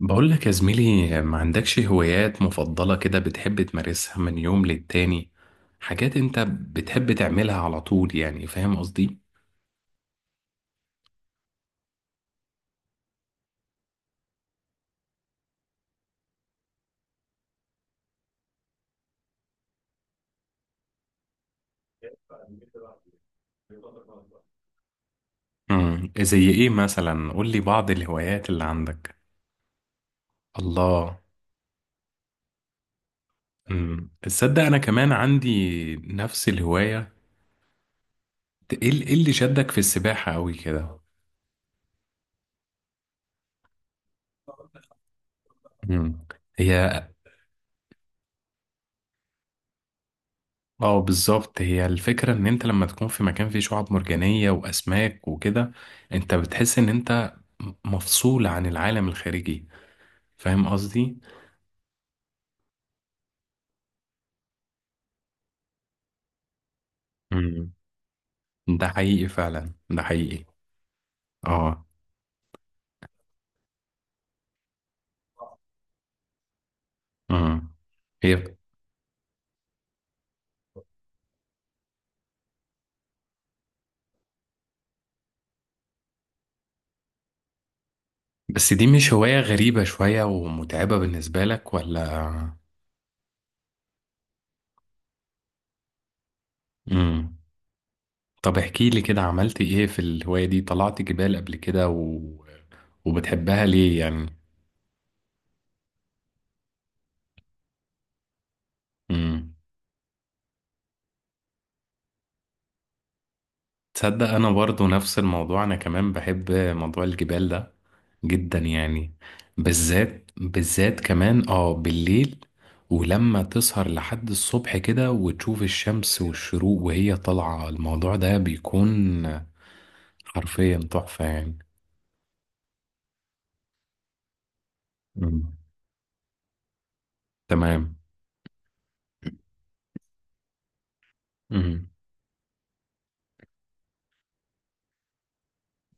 بقول لك يا زميلي، ما عندكش هوايات مفضلة كده بتحب تمارسها من يوم للتاني؟ حاجات انت بتحب تعملها على طول، يعني فاهم قصدي؟ زي ايه مثلا؟ قول لي بعض الهوايات اللي عندك. الله. امم، تصدق انا كمان عندي نفس الهوايه. ايه إيه اللي شدك في السباحه قوي كده؟ امم. هي. اه بالظبط، هي الفكره ان انت لما تكون في مكان فيه شعاب مرجانيه واسماك وكده، انت بتحس ان انت مفصول عن العالم الخارجي. فاهم قصدي. امم. ده حقيقي فعلا، ده حقيقي. اه. امم. هي. بس دي مش هوايه غريبه شويه ومتعبه بالنسبه لك ولا؟ امم. طب احكي لي كده، عملت ايه في الهواية دي؟ طلعت جبال قبل كده و... وبتحبها ليه يعني؟ امم، تصدق انا برضو نفس الموضوع، انا كمان بحب موضوع الجبال ده جدا يعني. بالذات بالذات كمان، اه، بالليل. ولما تسهر لحد الصبح كده وتشوف الشمس والشروق وهي طالعة، الموضوع ده بيكون حرفيا تحفة يعني. امم. تمام. امم.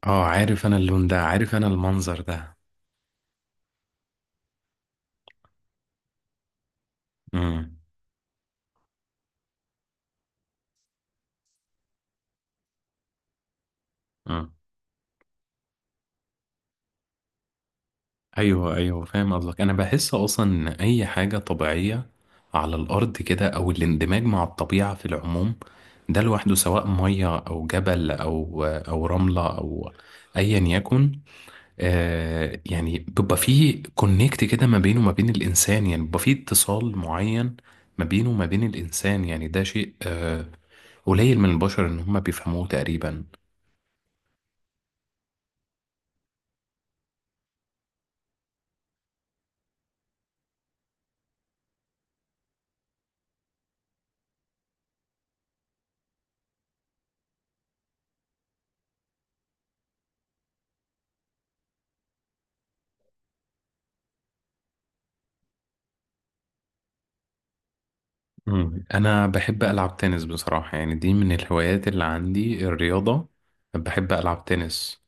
اه عارف انا اللون ده، عارف انا المنظر ده. امم. ايوه ايوه، فاهم قصدك. انا بحس اصلا ان اي حاجه طبيعيه على الارض كده، او الاندماج مع الطبيعه في العموم، ده لوحده، سواء ميه او جبل او رمله او ايا يكن، يعني بيبقى فيه كونكت كده ما بينه وما بين الانسان، يعني بيبقى فيه اتصال معين ما بينه وما بين الانسان. يعني ده شيء قليل من البشر ان هم بيفهموه تقريبا. مم. انا بحب العب تنس بصراحة، يعني دي من الهوايات اللي عندي، الرياضة. بحب العب تنس.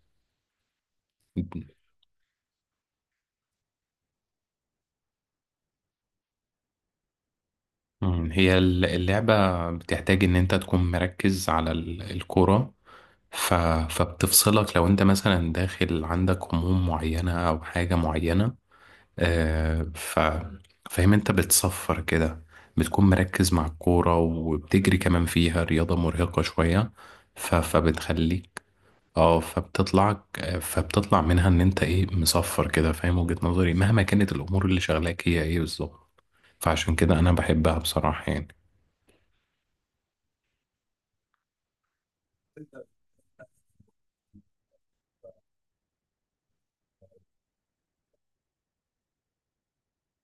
مم. هي اللعبة بتحتاج ان انت تكون مركز على الكرة. ف... فبتفصلك لو انت مثلا داخل عندك هموم معينة او حاجة معينة. آه، ف... فاهم انت، بتصفر كده. بتكون مركز مع الكورة وبتجري كمان، فيها رياضة مرهقة شوية. فبتخليك، اه فبتطلع منها ان انت ايه مصفر كده، فاهم وجهة نظري، مهما كانت الامور اللي شغلاك هي ايه بالظبط. فعشان كده انا بحبها بصراحة يعني.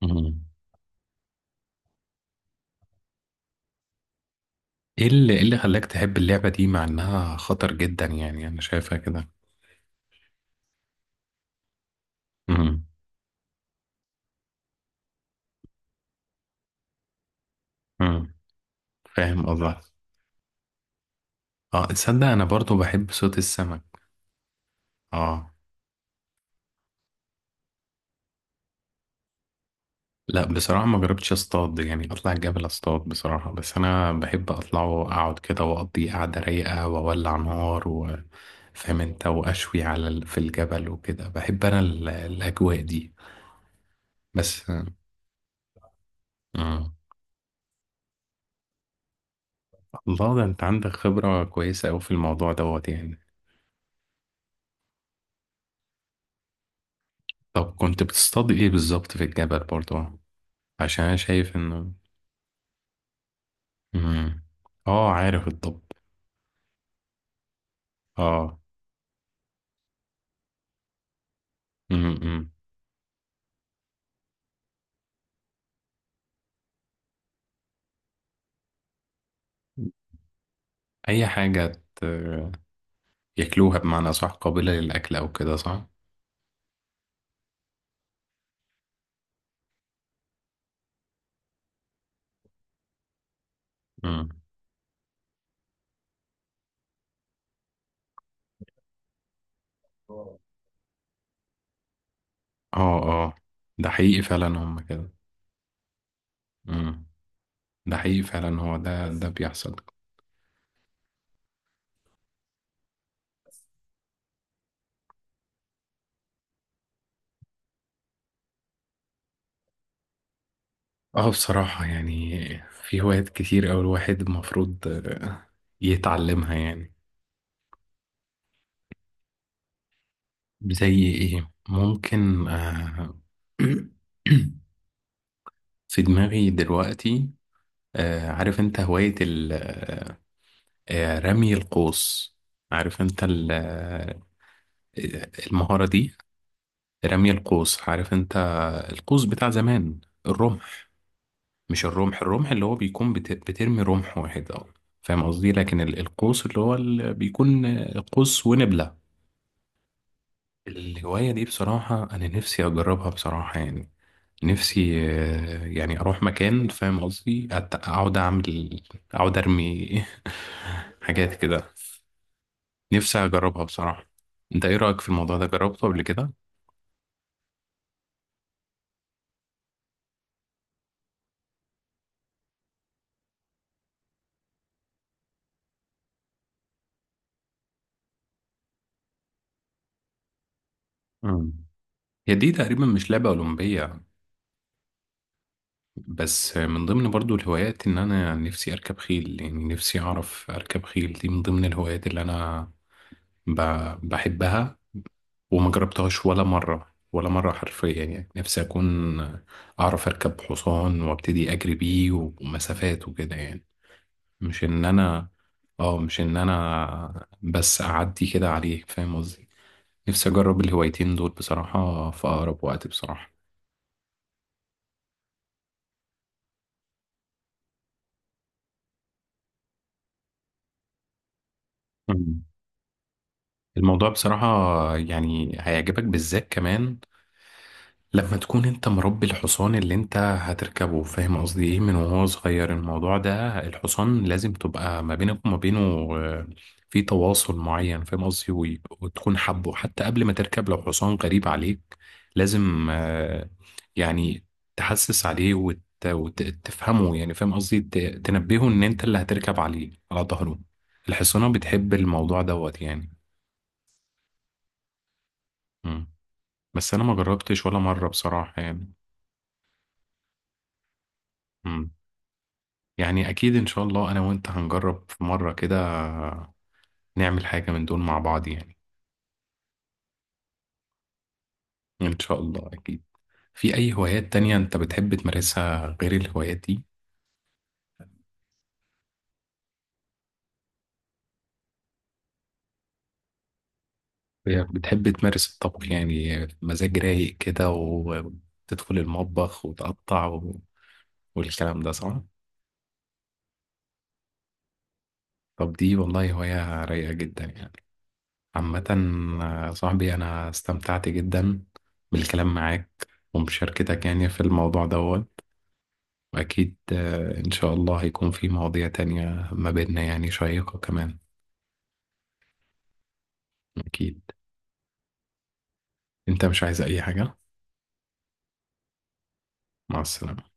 مم. ايه اللي إيه اللي خلاك تحب اللعبة دي مع انها خطر جدا يعني، انا شايفها كده. مم. مم. فاهم قصدك. اه تصدق انا برضو بحب صوت السمك. اه. لا بصراحة ما جربتش اصطاد، يعني اطلع الجبل اصطاد بصراحة، بس انا بحب اطلع واقعد كده واقضي قعدة رايقة واولع نار فاهم انت، واشوي على في الجبل وكده، بحب انا الاجواء دي بس. آه. الله، ده انت عندك خبرة كويسة اوي في الموضوع دوت يعني. طب كنت بتصطاد ايه بالظبط في الجبل برضو؟ عشان انا شايف انه. مم. اه عارف الضب. اه. مم. مم. اي حاجة ياكلوها، بمعنى صح؟ قابلة للأكل أو كده صح؟ مم. آه. اه اه، ده حقيقي فعلا هم كده. مم. ده حقيقي فعلا، هو ده بيحصل. اه بصراحة يعني، في هوايات كتير أوي الواحد المفروض يتعلمها يعني. زي ايه ممكن في دماغي دلوقتي. عارف انت هواية رمي القوس. عارف انت المهارة دي، رمي القوس. عارف انت القوس بتاع زمان، الرمح. مش الرمح، الرمح اللي هو بيكون بترمي رمح واحد اه. فاهم قصدي، لكن القوس اللي هو اللي بيكون قوس ونبلة. الهواية دي بصراحة أنا نفسي أجربها بصراحة يعني. نفسي يعني أروح مكان. فاهم قصدي أقعد أعمل، أقعد أرمي حاجات كده. نفسي أجربها بصراحة. أنت إيه رأيك في الموضوع ده، جربته قبل كده؟ مم. هي دي تقريبا مش لعبة أولمبية. بس من ضمن برضو الهوايات ان انا نفسي اركب خيل، يعني نفسي اعرف اركب خيل، دي من ضمن الهوايات اللي انا بحبها وما جربتهاش ولا مرة، ولا مرة حرفيا يعني. نفسي اكون اعرف اركب حصان وابتدي اجري بيه ومسافات وكده يعني. مش ان انا اه مش ان انا بس اعدي كده عليه، فاهم قصدي. نفسي اجرب الهوايتين دول بصراحة في اقرب وقت بصراحة. مم. الموضوع بصراحة يعني هيعجبك، بالذات كمان لما تكون انت مربي الحصان اللي انت هتركبه. فاهم قصدي ايه، من وهو صغير الموضوع ده، الحصان لازم تبقى ما بينك وما بينه آه، في تواصل معين. فاهم قصدي وتكون حبه حتى قبل ما تركب. لو حصان غريب عليك لازم، يعني تحسس عليه وتفهمه يعني. فاهم قصدي تنبهه ان انت اللي هتركب عليه على ظهره. الحصانة بتحب الموضوع دوت يعني. مم. بس انا ما جربتش ولا مرة بصراحة يعني. مم. يعني أكيد إن شاء الله، أنا وأنت هنجرب في مرة كده، نعمل حاجة من دول مع بعض يعني. إن شاء الله أكيد. في أي هوايات تانية أنت بتحب تمارسها غير الهوايات دي؟ بتحب تمارس الطبخ يعني، مزاج رايق كده وتدخل المطبخ وتقطع و... والكلام ده صح؟ طب دي والله هواية رايقة جدا يعني، عامة. صاحبي أنا استمتعت جدا بالكلام معاك ومشاركتك يعني في الموضوع ده. أكيد إن شاء الله هيكون في مواضيع تانية ما بيننا يعني شيقة كمان. أكيد. أنت مش عايز أي حاجة؟ مع السلامة.